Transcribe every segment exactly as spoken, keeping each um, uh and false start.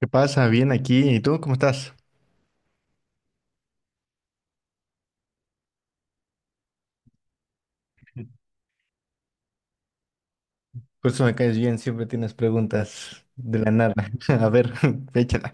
¿Qué pasa? Bien aquí. ¿Y tú cómo estás? Por eso me caes bien, siempre tienes preguntas de la nada. A ver, échala.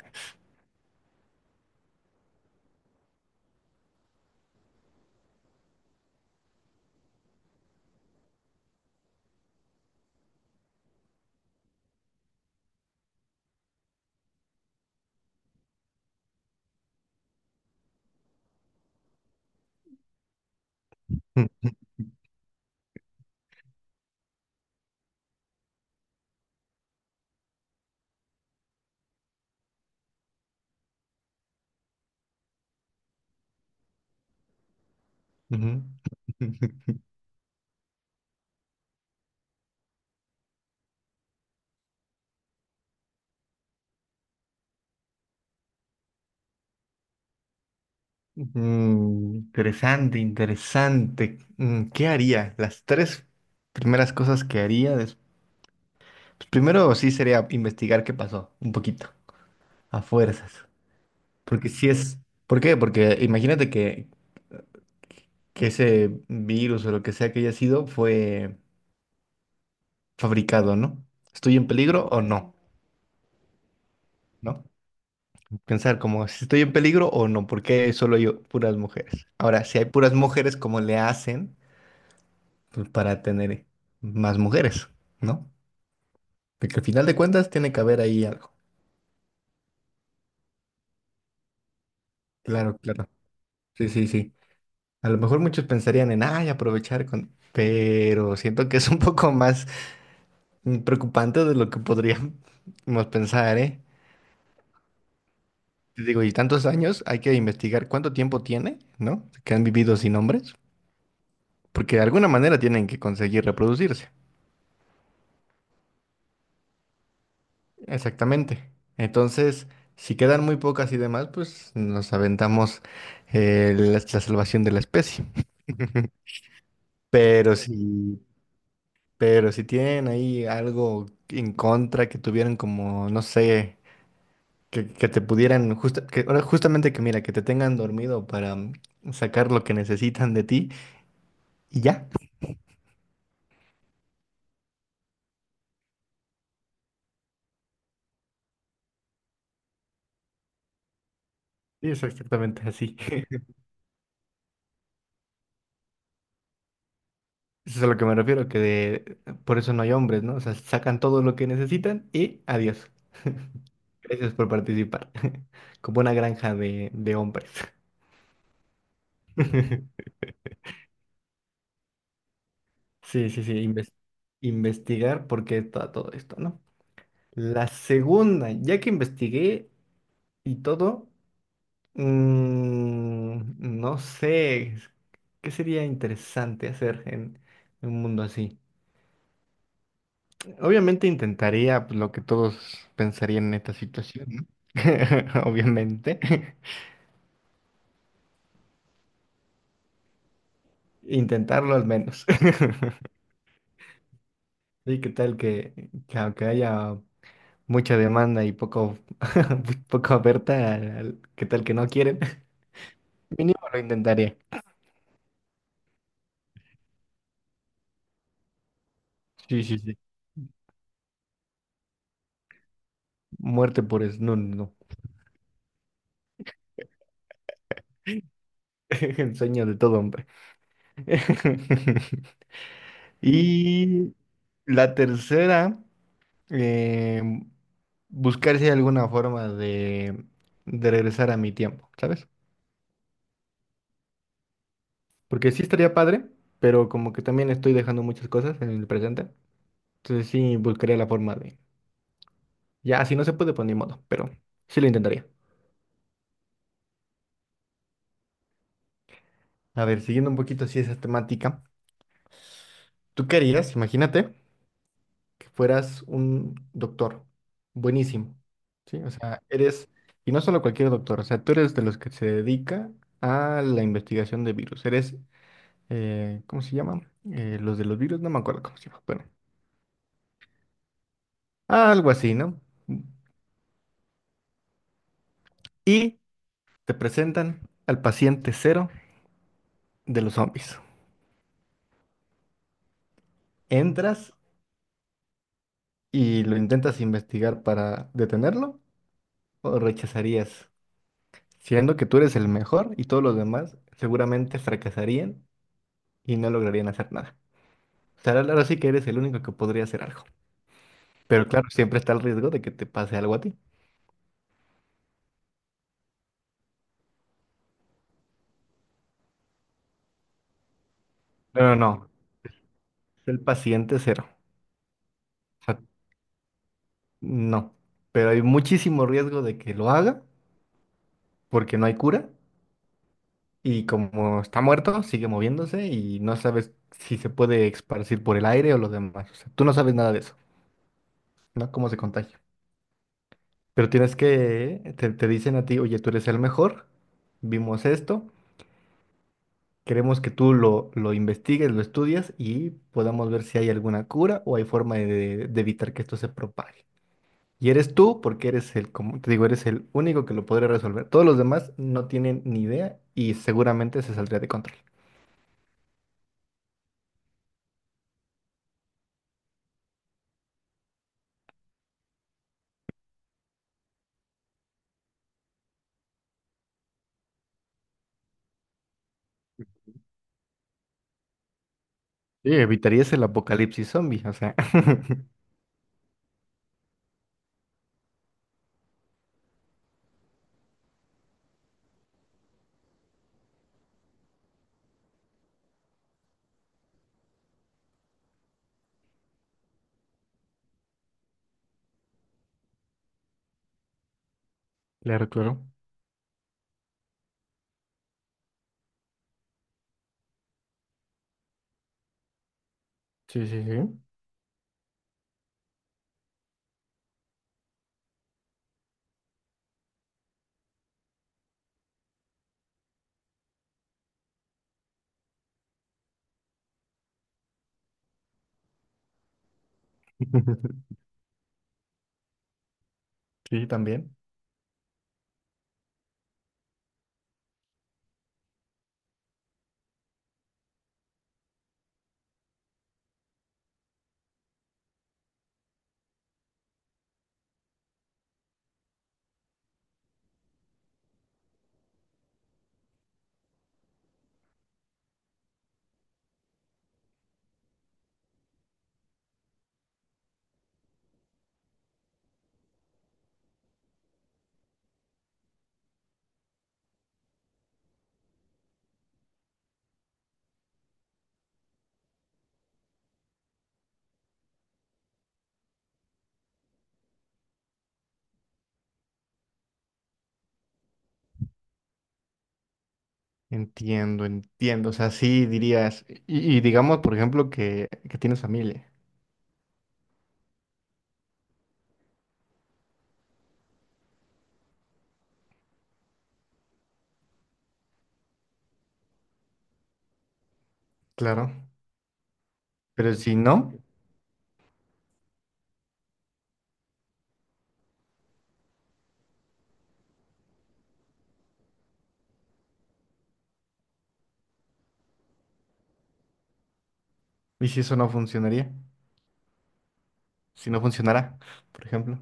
Ujú. Mm, interesante, interesante. Mm, ¿Qué haría? Las tres primeras cosas que haría. des- pues primero sí sería investigar qué pasó, un poquito, a fuerzas. Porque si es... ¿Por qué? Porque imagínate que, que ese virus o lo que sea que haya sido fue fabricado, ¿no? ¿Estoy en peligro o no? ¿No? Pensar como si estoy en peligro o no, porque solo yo, puras mujeres. Ahora, si hay puras mujeres, ¿cómo le hacen pues, para tener más mujeres? ¿No? Porque al final de cuentas tiene que haber ahí algo. Claro, claro. Sí, sí, sí. A lo mejor muchos pensarían en, ay, aprovechar con... Pero siento que es un poco más mm, preocupante de lo que podríamos pensar, ¿eh? Te digo, y tantos años, hay que investigar cuánto tiempo tiene, ¿no? Que han vivido sin hombres, porque de alguna manera tienen que conseguir reproducirse. Exactamente. Entonces, si quedan muy pocas y demás, pues nos aventamos eh, la, la salvación de la especie. Pero si, pero si tienen ahí algo en contra que tuvieran como, no sé, que, que te pudieran, justa- que, ahora justamente que mira, que te tengan dormido para mm, sacar lo que necesitan de ti y ya. Sí, es exactamente así. Eso es a lo que me refiero, que de- por eso no hay hombres, ¿no? O sea, sacan todo lo que necesitan y adiós. Gracias por participar. Como una granja de, de hombres. Sí, sí, sí, inves- investigar por qué está todo esto, ¿no? La segunda, ya que investigué y todo, mm, no sé, ¿qué sería interesante hacer en un mundo así? Obviamente intentaría pues, lo que todos pensarían en esta situación, ¿no? Obviamente. Intentarlo al menos. Sí, qué tal que, que aunque haya mucha demanda y poco, poco oferta, al- qué tal que no quieren. Mínimo lo intentaría. Sí, sí, sí. Muerte por snus, no. El sueño de todo hombre. Y la tercera. eh, buscar si hay alguna forma de, de regresar a mi tiempo, ¿sabes? Porque sí estaría padre, pero como que también estoy dejando muchas cosas en el presente. Entonces sí buscaría la forma de... Ya, si no se puede, pues ni modo, pero sí lo intentaría. A ver, siguiendo un poquito así esa temática, ¿tú qué harías? Imagínate que fueras un doctor, buenísimo, ¿sí? O sea, eres, y no solo cualquier doctor, o sea, tú eres de los que se dedica a la investigación de virus, eres eh, ¿cómo se llama? Eh, los de los virus, no me acuerdo cómo se llama. Bueno, algo así, ¿no? Y te presentan al paciente cero de los zombies. ¿Entras y lo intentas investigar para detenerlo o rechazarías? Siendo que tú eres el mejor y todos los demás seguramente fracasarían y no lograrían hacer nada. O sea, ahora sí que eres el único que podría hacer algo. Pero claro, siempre está el riesgo de que te pase algo a ti. No, no, no, es el paciente cero. No, pero hay muchísimo riesgo de que lo haga porque no hay cura y como está muerto, sigue moviéndose y no sabes si se puede esparcir por el aire o lo demás. O sea, tú no sabes nada de eso, ¿no? Cómo se contagia. Pero tienes que, te, te dicen a ti, oye, tú eres el mejor, vimos esto, queremos que tú lo, lo investigues, lo estudias y podamos ver si hay alguna cura o hay forma de de evitar que esto se propague. Y eres tú porque eres el, como te digo, eres el único que lo podría resolver. Todos los demás no tienen ni idea y seguramente se saldría de control. Sí, evitarías el apocalipsis zombie, o sea. Claro, claro. Sí, sí, sí. Sí, también. Entiendo, entiendo. O sea, sí dirías, y, y digamos, por ejemplo, que, que tienes familia. Claro. Pero si no, ¿y si eso no funcionaría? Si no funcionará, por ejemplo.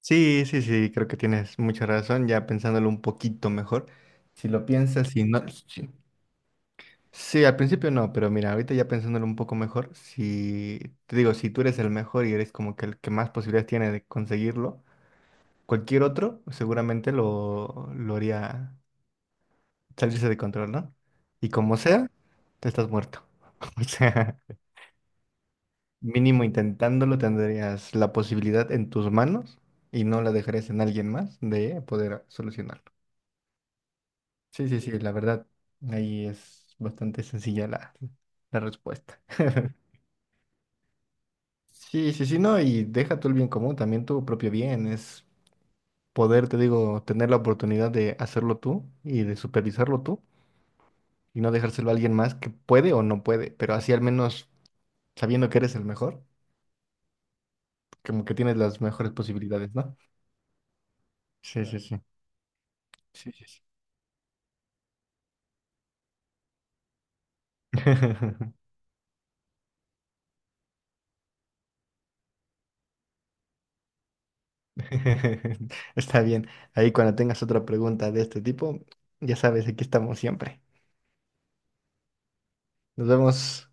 Sí, sí, sí, creo que tienes mucha razón, ya pensándolo un poquito mejor. Si lo piensas, si no, sí, sí, al principio no, pero mira, ahorita ya pensándolo un poco mejor, si te digo, si tú eres el mejor y eres como que el que más posibilidades tiene de conseguirlo, cualquier otro seguramente lo, lo haría salirse de control, ¿no? Y como sea, te estás muerto. O sea, mínimo intentándolo tendrías la posibilidad en tus manos y no la dejarías en alguien más de poder solucionarlo. Sí, sí, sí, la verdad, ahí es bastante sencilla la, la respuesta. Sí, sí, sí, no, y deja tú el bien común, también tu propio bien, es poder, te digo, tener la oportunidad de hacerlo tú y de supervisarlo tú y no dejárselo a alguien más que puede o no puede, pero así al menos sabiendo que eres el mejor, como que tienes las mejores posibilidades, ¿no? Sí, sí, claro. Sí. Sí, sí, sí. Está bien, ahí cuando tengas otra pregunta de este tipo, ya sabes, aquí estamos siempre. Nos vemos.